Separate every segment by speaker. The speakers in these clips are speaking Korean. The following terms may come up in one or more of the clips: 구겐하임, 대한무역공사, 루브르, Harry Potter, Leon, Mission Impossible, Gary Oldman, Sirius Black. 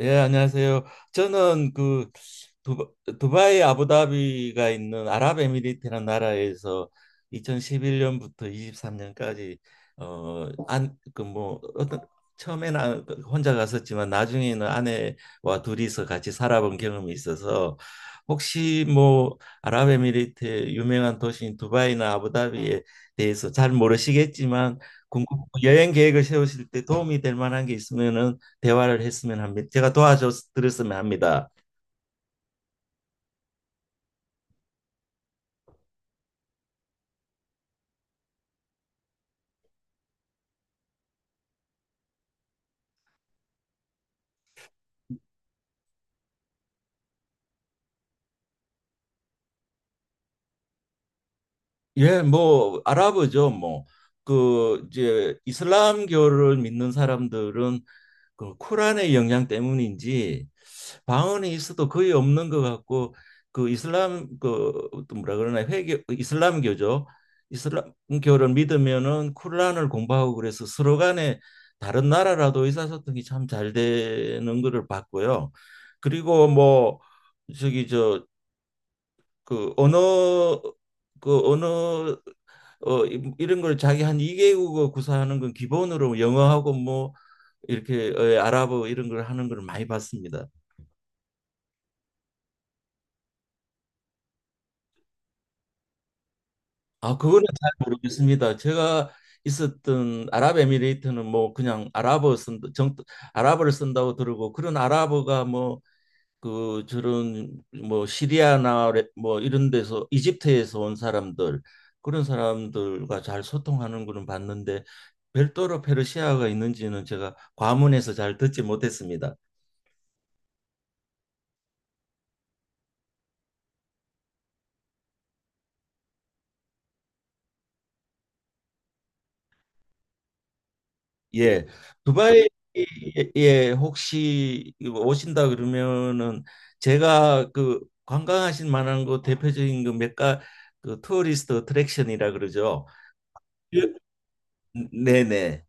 Speaker 1: 예, 안녕하세요. 저는 두바, 두바이 아부다비가 있는 아랍에미리트라는 나라에서 2011년부터 23년까지 어, 안, 그 뭐 어떤 처음에는 혼자 갔었지만 나중에는 아내와 둘이서 같이 살아본 경험이 있어서 혹시 뭐 아랍에미리트의 유명한 도시인 두바이나 아부다비에 대해서 잘 모르시겠지만 궁금 여행 계획을 세우실 때 도움이 될 만한 게 있으면은 대화를 했으면 합니다. 제가 도와줬으면 합니다. 예, 뭐 아랍어죠. 뭐 그 이제 이슬람교를 믿는 사람들은 그 쿠란의 영향 때문인지 방언이 있어도 거의 없는 것 같고 그 이슬람 그 뭐라 그러나 회교 이슬람교죠. 이슬람교를 믿으면은 쿠란을 공부하고 그래서 서로 간에 다른 나라라도 의사소통이 참 잘 되는 거를 봤고요. 그리고 뭐 저기 저 그 언어 그 언어 이런 걸 자기 한 2개국어 구사하는 건 기본으로 뭐 영어하고 뭐 이렇게 아랍어 이런 걸 하는 걸 많이 봤습니다. 아, 그거는 잘 모르겠습니다. 제가 있었던 아랍에미레이트는 뭐 그냥 아랍어를 쓴다고 들고 그런 아랍어가 뭐 그 저런 뭐 뭐 이런 데서 이집트에서 온 사람들 그런 사람들과 잘 소통하는 거는 봤는데 별도로 페르시아가 있는지는 제가 과문해서 잘 듣지 못했습니다. 예. 두바이에 예, 혹시 오신다 그러면은 제가 그 관광하실 만한 거 대표적인 그 몇가 그 투어리스트 어트랙션이라 그러죠. 예. 네네.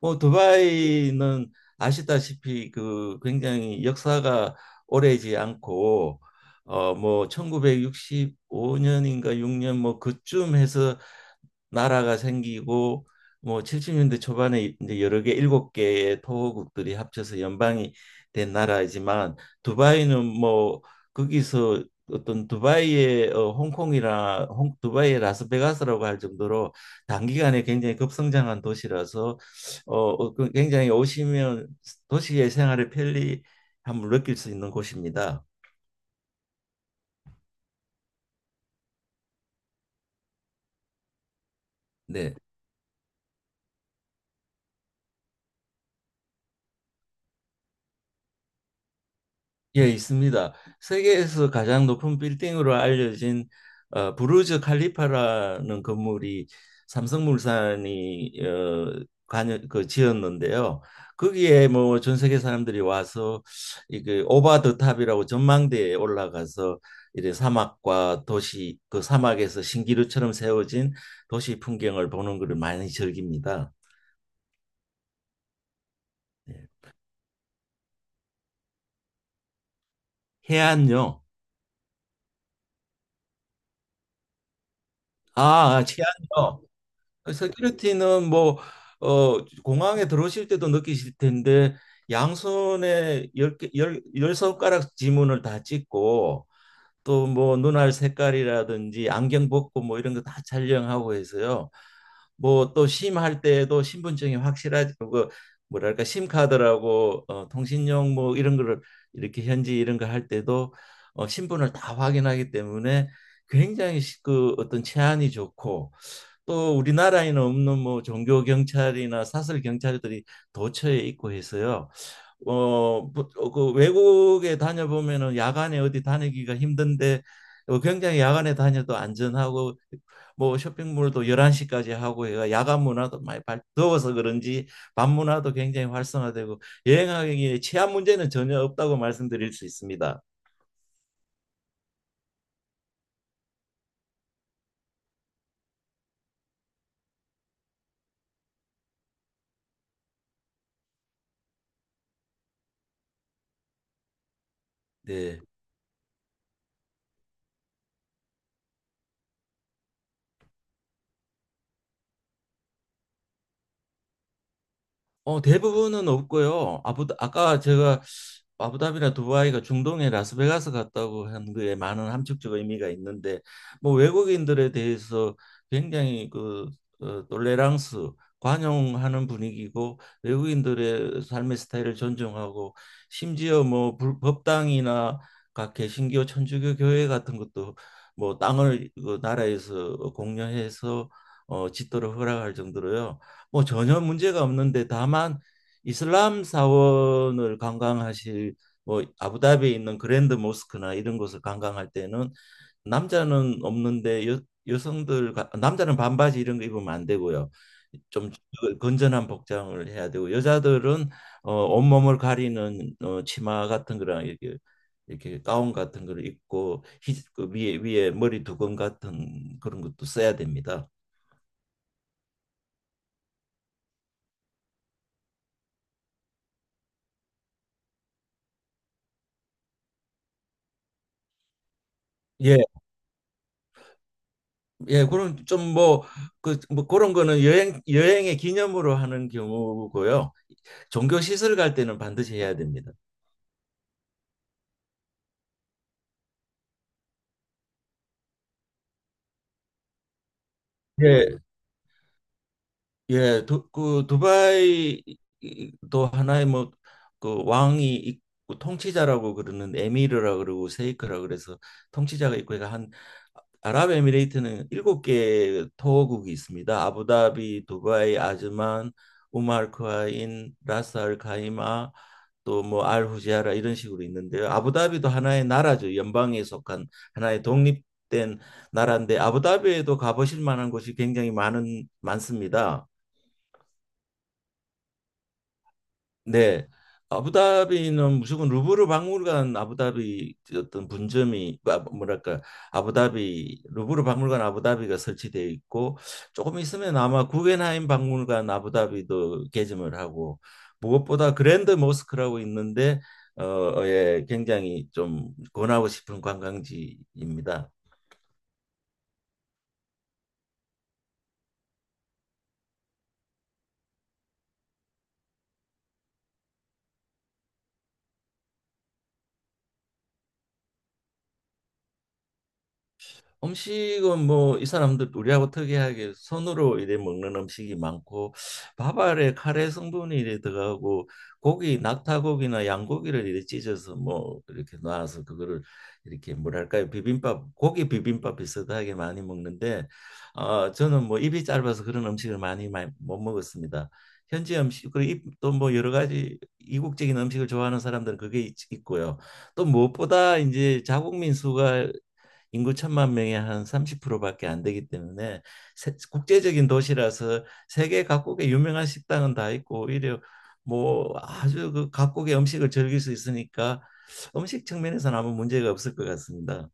Speaker 1: 뭐 두바이는 아시다시피 그 굉장히 역사가 오래지 않고 뭐 1965년인가 6년 뭐 그쯤 해서 나라가 생기고 뭐 70년대 초반에 이제 여러 개 일곱 개의 토호국들이 합쳐서 연방이 된 나라이지만 두바이는 뭐 거기서 어떤 두바이의 두바이의 라스베가스라고 할 정도로 단기간에 굉장히 급성장한 도시라서 그 굉장히 오시면 도시의 생활의 편리함을 느낄 수 있는 곳입니다. 네. 예, 있습니다. 세계에서 가장 높은 빌딩으로 알려진 부르즈 칼리파라는 건물이 삼성물산이 그 지었는데요. 거기에 뭐 전 세계 사람들이 와서 이게 오바 더 탑이라고 전망대에 올라가서 이제 사막과 도시 그 사막에서 신기루처럼 세워진 도시 풍경을 보는 것을 많이 즐깁니다. 예. 해안요. 아, 해안요. 세큐리티는 뭐 공항에 들어오실 때도 느끼실 텐데 양손에 열 손가락 지문을 다 찍고 또 뭐 눈알 색깔이라든지 안경 벗고 뭐 이런 거 다 촬영하고 해서요. 뭐 또 심할 때에도 신분증이 확실하지 그 뭐랄까 심카드라고 통신용 뭐 이런 거를 이렇게 현지 이런 거 할 때도 신분을 다 확인하기 때문에 굉장히 그 어떤 치안이 좋고 또 우리나라에는 없는 뭐 종교 경찰이나 사설 경찰들이 도처에 있고 해서요. 어, 그 외국에 다녀보면은 야간에 어디 다니기가 힘든데 굉장히 야간에 다녀도 안전하고 뭐 쇼핑몰도 11시까지 하고 해가 야간 문화도 많이 더워서 그런지 밤 문화도 굉장히 활성화되고 여행하기에 치안 문제는 전혀 없다고 말씀드릴 수 있습니다. 네. 대부분은 없고요. 아까 제가 아부다비나 두바이가 중동의 라스베가스 같다고 한 그에 많은 함축적 의미가 있는데 뭐 외국인들에 대해서 굉장히 그 톨레랑스 관용하는 분위기고 외국인들의 삶의 스타일을 존중하고 심지어 뭐 법당이나 각 개신교 천주교 교회 같은 것도 뭐 땅을 그 나라에서 공여해서 짓도록 허락할 정도로요. 뭐 전혀 문제가 없는데 다만 이슬람 사원을 관광하실 뭐 아부다비에 있는 그랜드 모스크나 이런 곳을 관광할 때는 남자는 없는데 남자는 반바지 이런 거 입으면 안 되고요. 좀 건전한 복장을 해야 되고 여자들은 온몸을 가리는 치마 같은 거랑 이렇게 이렇게 가운 같은 걸 입고 그 위에 머리 두건 같은 그런 것도 써야 됩니다. 예, 예, 그런 좀 뭐 그 뭐 그런 거는 여행의 기념으로 하는 경우고요. 종교 시설 갈 때는 반드시 해야 됩니다. 예, 그 두바이도 하나의 뭐 그 왕이 있고 통치자라고 그러는 에미르라 그러고 세이크라 그래서 통치자가 있고 해가 한 아랍에미레이트는 일곱 개 토호국이 있습니다. 아부다비, 두바이, 아즈만, 우마르크아인, 라스 알 카이마, 또 뭐 알후지아라 이런 식으로 있는데요. 아부다비도 하나의 나라죠. 연방에 속한 하나의 독립된 나라인데 아부다비에도 가보실 만한 곳이 굉장히 많은 많습니다. 네. 아부다비는 무조건 루브르 박물관 아부다비 어떤 분점이 뭐랄까 아부다비 루브르 박물관 아부다비가 설치되어 있고 조금 있으면 아마 구겐하임 박물관 아부다비도 개점을 하고 무엇보다 그랜드 모스크라고 있는데 예, 굉장히 좀 권하고 싶은 관광지입니다. 음식은 뭐 이 사람들 우리하고 특이하게 손으로 이래 먹는 음식이 많고 밥알에 카레 성분이 이래 들어가고 고기 낙타고기나 양고기를 이래 찢어서 뭐 이렇게 놔서 그거를 이렇게 뭐랄까요 비빔밥 고기 비빔밥 비슷하게 많이 먹는데 저는 뭐 입이 짧아서 그런 음식을 많이 못 먹었습니다. 현지 음식 그리고 또뭐 여러 가지 이국적인 음식을 좋아하는 사람들은 있고요. 또 무엇보다 이제 자국 민수가 인구 천만 명의 한 30%밖에 안 되기 때문에 국제적인 도시라서 세계 각국의 유명한 식당은 다 있고 오히려 뭐 아주 그 각국의 음식을 즐길 수 있으니까 음식 측면에서는 아무 문제가 없을 것 같습니다.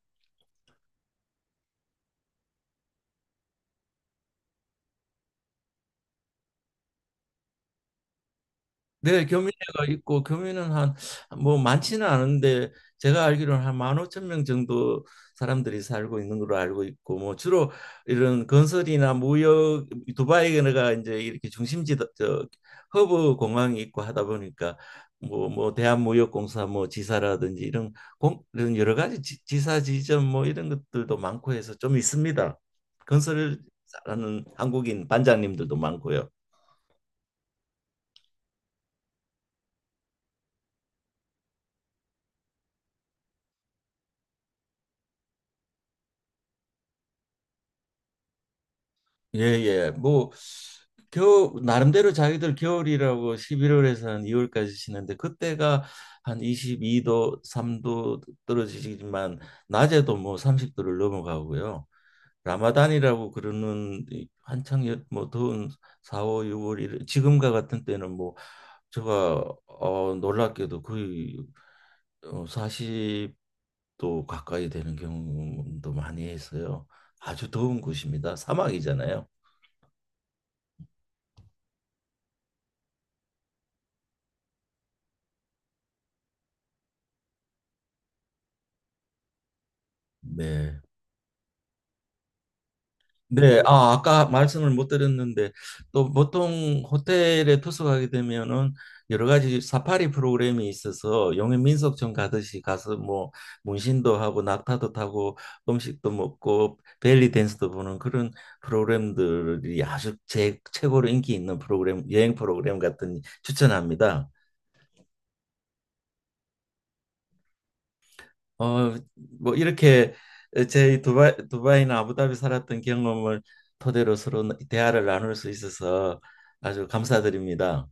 Speaker 1: 네, 교민회가 있고 교민은 한 뭐 많지는 않은데 제가 알기로는 한 15,000명 정도 사람들이 살고 있는 걸로 알고 있고 뭐 주로 이런 건설이나 무역 두바이가 이제 이렇게 중심지 저 허브 공항이 있고 하다 보니까 뭐 대한무역공사 뭐 지사라든지 이런 공 이런 여러 가지 지사 지점 뭐 이런 것들도 많고 해서 좀 있습니다. 건설을 하는 한국인 반장님들도 많고요. 예예 뭐 겨우 나름대로 자기들 겨울이라고 11월에서는 2월까지 쉬는데 그때가 한 22도 3도 떨어지지만 낮에도 뭐 30도를 넘어가고요. 라마단이라고 그러는 이 한창 뭐 더운 4월 6월 지금과 같은 때는 뭐 제가 놀랍게도 거의 40도 가까이 되는 경우도 많이 해서요. 아주 더운 곳입니다. 사막이잖아요. 네. 네, 아, 아까 말씀을 못 드렸는데 또 보통 호텔에 투숙하게 되면은 여러 가지 사파리 프로그램이 있어서 용해 민속촌 가듯이 가서 뭐 문신도 하고 낙타도 타고 음식도 먹고 벨리 댄스도 보는 그런 프로그램들이 아주 최고로 인기 있는 프로그램 여행 프로그램 같은 추천합니다. 어, 뭐 이렇게 제 두바이나 아부다비 살았던 경험을 토대로 서로 대화를 나눌 수 있어서 아주 감사드립니다.